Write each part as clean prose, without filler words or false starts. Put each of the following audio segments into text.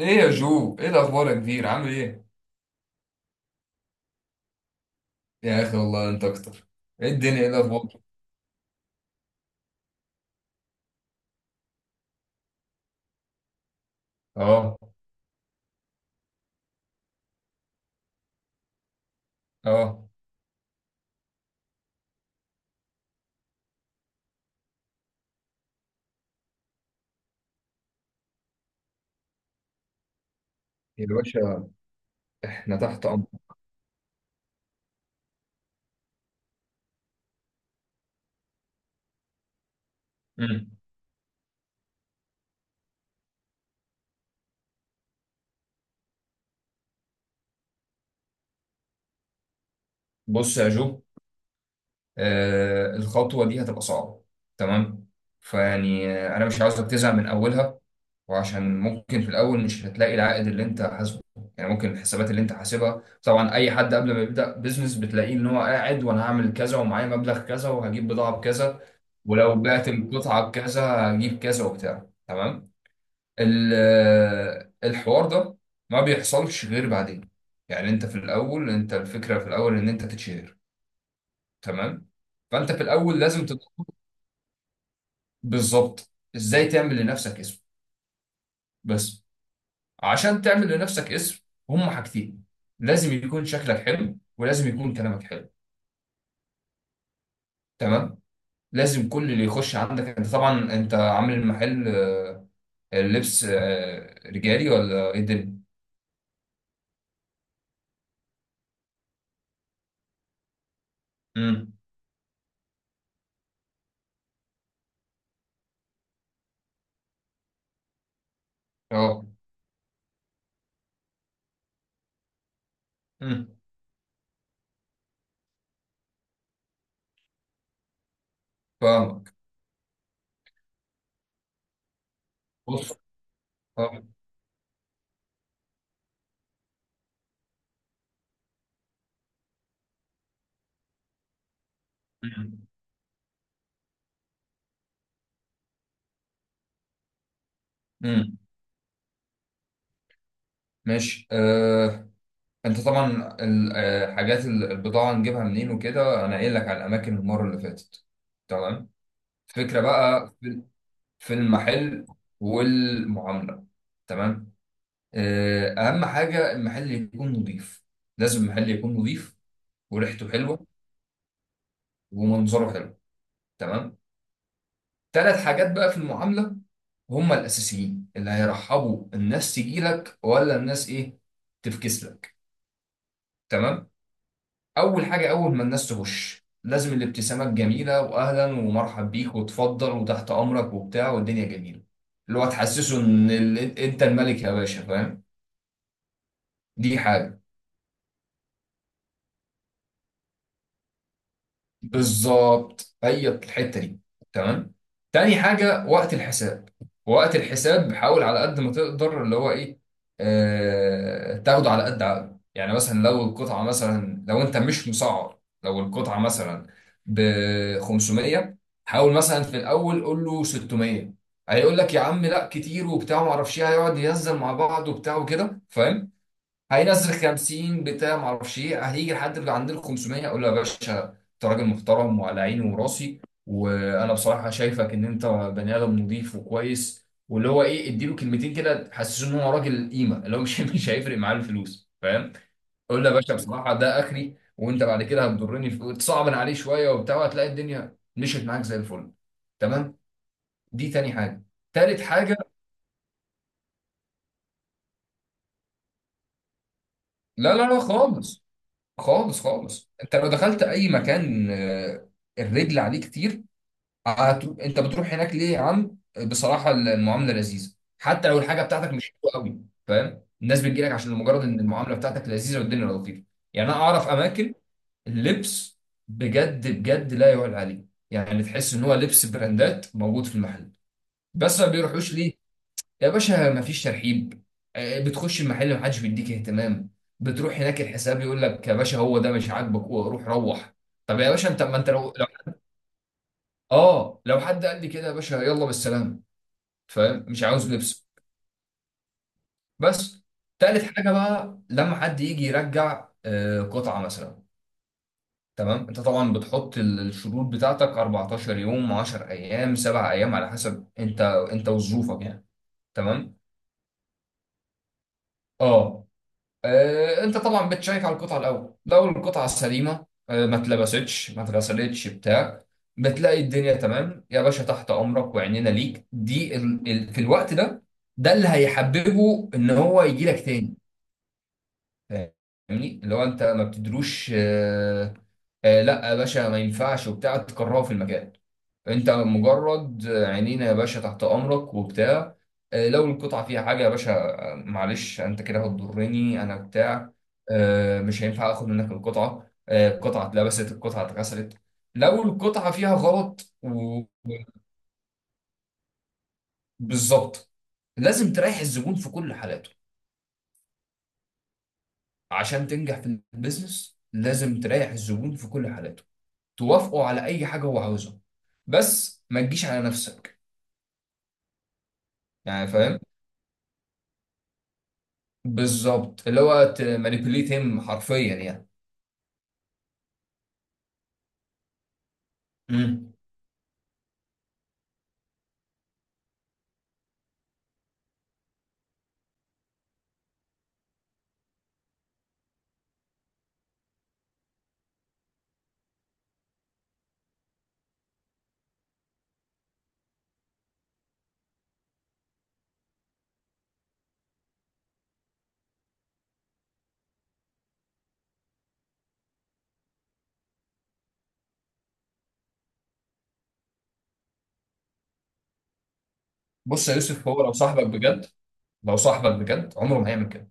ايه يا جو؟ ايه الاخبار يا كبير؟ عامل ايه؟ يا اخي والله انت اكتر. ايه الدنيا؟ ايه الاخبار؟ اه، اه، يا باشا احنا تحت امر. امم. بص يا جو، آه الخطوه دي هتبقى صعبه، تمام؟ فيعني انا مش عاوزك تزهق من اولها، وعشان ممكن في الاول مش هتلاقي العائد اللي انت حاسبه. يعني ممكن الحسابات اللي انت حاسبها، طبعا اي حد قبل ما يبدا بيزنس بتلاقيه ان هو قاعد وانا هعمل كذا ومعايا مبلغ كذا وهجيب بضاعه بكذا، ولو بعت القطعة بكذا هجيب كذا وبتاع، تمام؟ ال- الحوار ده ما بيحصلش غير بعدين. يعني انت في الاول، انت الفكرة في الاول ان انت تتشهر، تمام؟ فانت في الاول لازم تدور بالظبط، ازاي تعمل لنفسك اسم. بس عشان تعمل لنفسك اسم هما حاجتين: لازم يكون شكلك حلو ولازم يكون كلامك حلو، تمام؟ لازم كل اللي يخش عندك، انت طبعا انت عامل المحل اللبس رجالي ولا ايه الدنيا؟ امم. اه. امم. فاهمك. بص. اه. امم. امم. ماشي آه. انت طبعا الحاجات، البضاعه نجيبها منين وكده انا قايل لك على الاماكن المره اللي فاتت، تمام. الفكره بقى في في المحل والمعامله، تمام. آه. اهم حاجه المحل يكون نظيف. لازم المحل يكون نظيف وريحته حلوه ومنظره حلو، تمام. ثلاث حاجات بقى في المعاملة هم الأساسيين اللي هيرحبوا الناس تجيلك ولا الناس إيه، تفكس لك، تمام. أول حاجة، أول ما الناس تخش لازم الابتسامة الجميلة، وأهلا ومرحب بيك، وتفضل، وتحت أمرك، وبتاع، والدنيا جميلة. اللي هو تحسسه إن أنت الملك يا باشا، فاهم؟ دي حاجة. بالظبط، هي الحته دي، تمام. تاني حاجه وقت الحساب. وقت الحساب حاول على قد ما تقدر اللي هو ايه، آه تاخده على قد عقله. يعني مثلا لو القطعه، مثلا لو انت مش مسعر، لو القطعه مثلا ب 500، حاول مثلا في الاول قول له 600. هيقول لك يا عم لا، كتير وبتاع ما اعرفش ايه، هيقعد يهزر مع بعض وبتاع وكده، فاهم؟ هينزل 50، بتاع ما اعرفش ايه، هيجي لحد عند ال 500، اقول له يا باشا انت راجل محترم وعلى عيني وراسي، وانا بصراحه شايفك ان انت بني ادم نضيف وكويس، واللي هو ايه، اديله كلمتين كده تحسسه ان هو راجل قيمه، اللي هو مش مش هيفرق معاه الفلوس، فاهم؟ اقول له يا باشا بصراحه ده اخري، وانت بعد كده هتضرني، في تصعبن عليه شويه وبتاع، وهتلاقي الدنيا مشيت معاك زي الفل، تمام. دي تاني حاجه. تالت حاجه. لا، لا، لا، خالص. خالص خالص. انت لو دخلت اي مكان الرجل عليه كتير. انت بتروح هناك ليه يا عم؟ بصراحه المعامله لذيذه، حتى لو الحاجه بتاعتك مش حلوه قوي، فاهم؟ الناس بتجي لك عشان مجرد ان المعامله بتاعتك لذيذه والدنيا لطيفه. يعني انا اعرف اماكن اللبس بجد بجد لا يعلى عليه، يعني تحس ان هو لبس براندات موجود في المحل، بس ما بيروحوش ليه؟ يا باشا مفيش ترحيب. بتخش المحل محدش بيديك اهتمام. بتروح هناك، الحساب يقول لك يا باشا هو ده مش عاجبك روح، روح. طب يا باشا انت، ما انت لو, لو اه لو حد قال لي كده يا باشا يلا بالسلامه، فاهم؟ مش عاوز لبس. بس. تالت حاجه بقى لما حد يجي يرجع قطعه مثلا، تمام. انت طبعا بتحط الشروط بتاعتك 14 يوم، 10 ايام، 7 ايام، على حسب انت، انت وظروفك يعني، تمام. اه. انت طبعا بتشيك على القطعه الاول، لو القطعه سليمه ما اتلبستش ما اتغسلتش بتاع بتلاقي الدنيا تمام يا باشا، تحت امرك وعينينا ليك. دي في الوقت ده، ده اللي هيحببه ان هو يجي لك تاني، فاهمني؟ اللي هو انت ما بتدروش لا يا باشا ما ينفعش وبتاع تكرهه في المكان. انت مجرد عينينا يا باشا تحت امرك وبتاع. لو القطعه فيها حاجه يا باشا معلش انت كده هتضرني انا، بتاع مش هينفع اخد منك القطعه القطعه اتلبست، القطعه اتغسلت. لو القطعه فيها غلط، وبالظبط، لازم تريح الزبون في كل حالاته. عشان تنجح في البيزنس لازم تريح الزبون في كل حالاته، توافقه على اي حاجه هو عاوزها، بس ما تجيش على نفسك. يعني فاهم؟ بالظبط، اللي هو تمانيبيوليت هيم حرفيا يعني. امم. بص يا يوسف، هو لو صاحبك بجد، لو صاحبك بجد عمره ما هيعمل كده.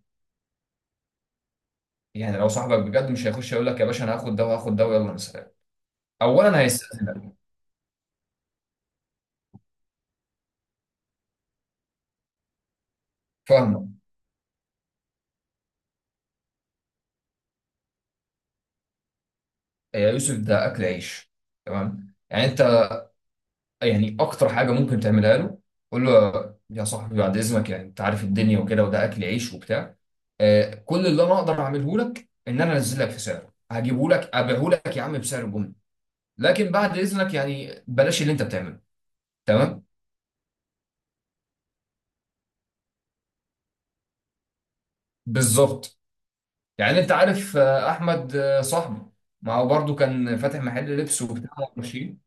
يعني لو صاحبك بجد مش هيخش يقول لك يا باشا انا هاخد ده وهاخد ده ويلا مسافر. اولا هيستأذنك. فاهمه. يا يوسف ده اكل عيش، تمام. يعني انت، يعني اكتر حاجه ممكن تعملها له، قول له يا صاحبي بعد اذنك، يعني انت عارف الدنيا وكده، وده اكل عيش وبتاع. كل اللي انا اقدر اعمله لك ان انا انزل لك في سعره، هجيبه لك ابيعه لك يا عم بسعر، لكن بعد اذنك يعني بلاش اللي انت بتعمله، تمام. بالظبط. يعني انت عارف احمد صاحبي، ما هو برضه كان فاتح محل لبس وبتاع، ماشي.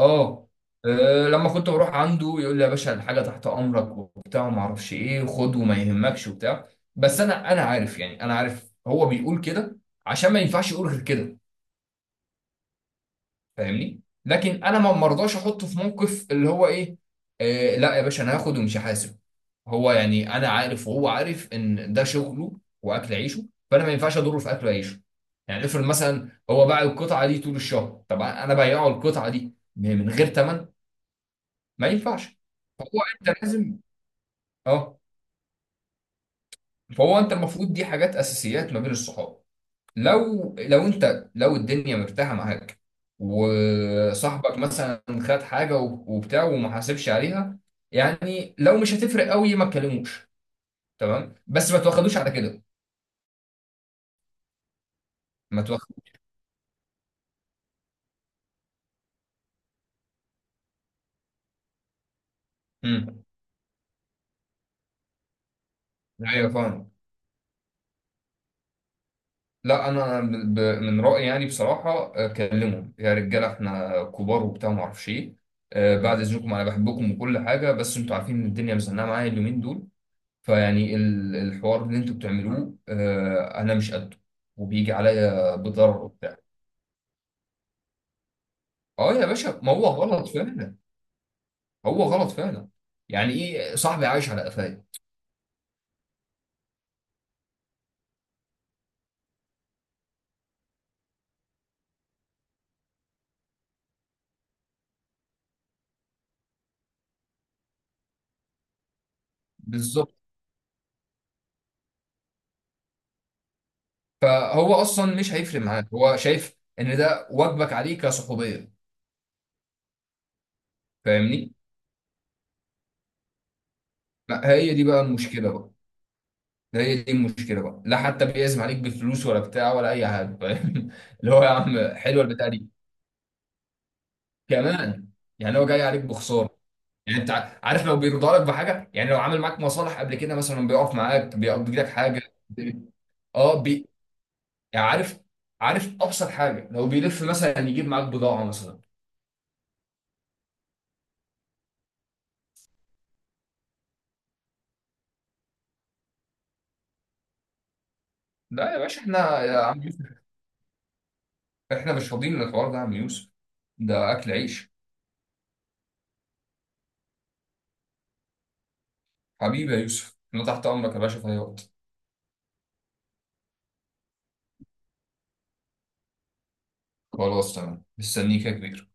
اه. لما كنت بروح عنده يقول لي يا باشا الحاجه تحت امرك وبتاع وما اعرفش ايه، وخد وما يهمكش وبتاع. بس انا عارف يعني، انا عارف هو بيقول كده عشان ما ينفعش يقول غير كده، فاهمني؟ لكن انا ما مرضاش احطه في موقف اللي هو ايه، آه لا يا باشا انا هاخد ومش هحاسب. هو يعني انا عارف وهو عارف ان ده شغله واكل عيشه، فانا ما ينفعش اضره في اكل عيشه. يعني افرض مثلا هو باع القطعه دي طول الشهر، طب انا بايعه القطعه دي من غير ثمن، ما ينفعش. فهو، انت لازم، اه، فهو انت المفروض دي حاجات اساسيات ما بين الصحاب. لو انت، لو الدنيا مرتاحه معاك وصاحبك مثلا خد حاجه وبتاع وما حاسبش عليها، يعني لو مش هتفرق قوي ما تكلموش، تمام، بس ما تواخدوش على كده. ما تواخد. امم. ايوه فاهم. لا انا من رايي يعني بصراحه كلمهم يا رجاله احنا كبار وبتاع ما اعرفش ايه، بعد اذنكم انا بحبكم وكل حاجه، بس انتوا عارفين ان الدنيا مزنقه معايا اليومين دول، فيعني الحوار اللي انتوا بتعملوه انا مش قده، وبيجي عليا بضرر وبتاع. اه يا باشا ما هو غلط فعلا. هو غلط فعلا. يعني ايه صاحبي عايش على قفايا؟ بالظبط. فهو اصلا مش هيفرق معاك، هو شايف ان ده واجبك عليه كصحوبيه، فاهمني؟ ما هي دي بقى المشكله بقى. هي دي المشكله بقى. لا حتى بيعزم عليك بفلوس، ولا بتاع، ولا اي حاجه، فاهم؟ اللي هو يا عم حلوه البتاع دي. كمان. يعني هو جاي عليك بخساره. يعني انت عارف لو بيرضى لك بحاجه، يعني لو عامل معاك مصالح قبل كده مثلا، بيقف معاك بيقضي لك حاجه. اه بي، يعني عارف، عارف ابسط حاجه، لو بيلف مثلا يجيب معاك بضاعه مثلا. لا يا باشا، احنا يا عم يوسف، احنا مش فاضيين للحوار ده يا عم يوسف، ده اكل عيش. حبيبي يا يوسف انا تحت امرك يا باشا في اي وقت. خلاص تمام، مستنيك يا كبير.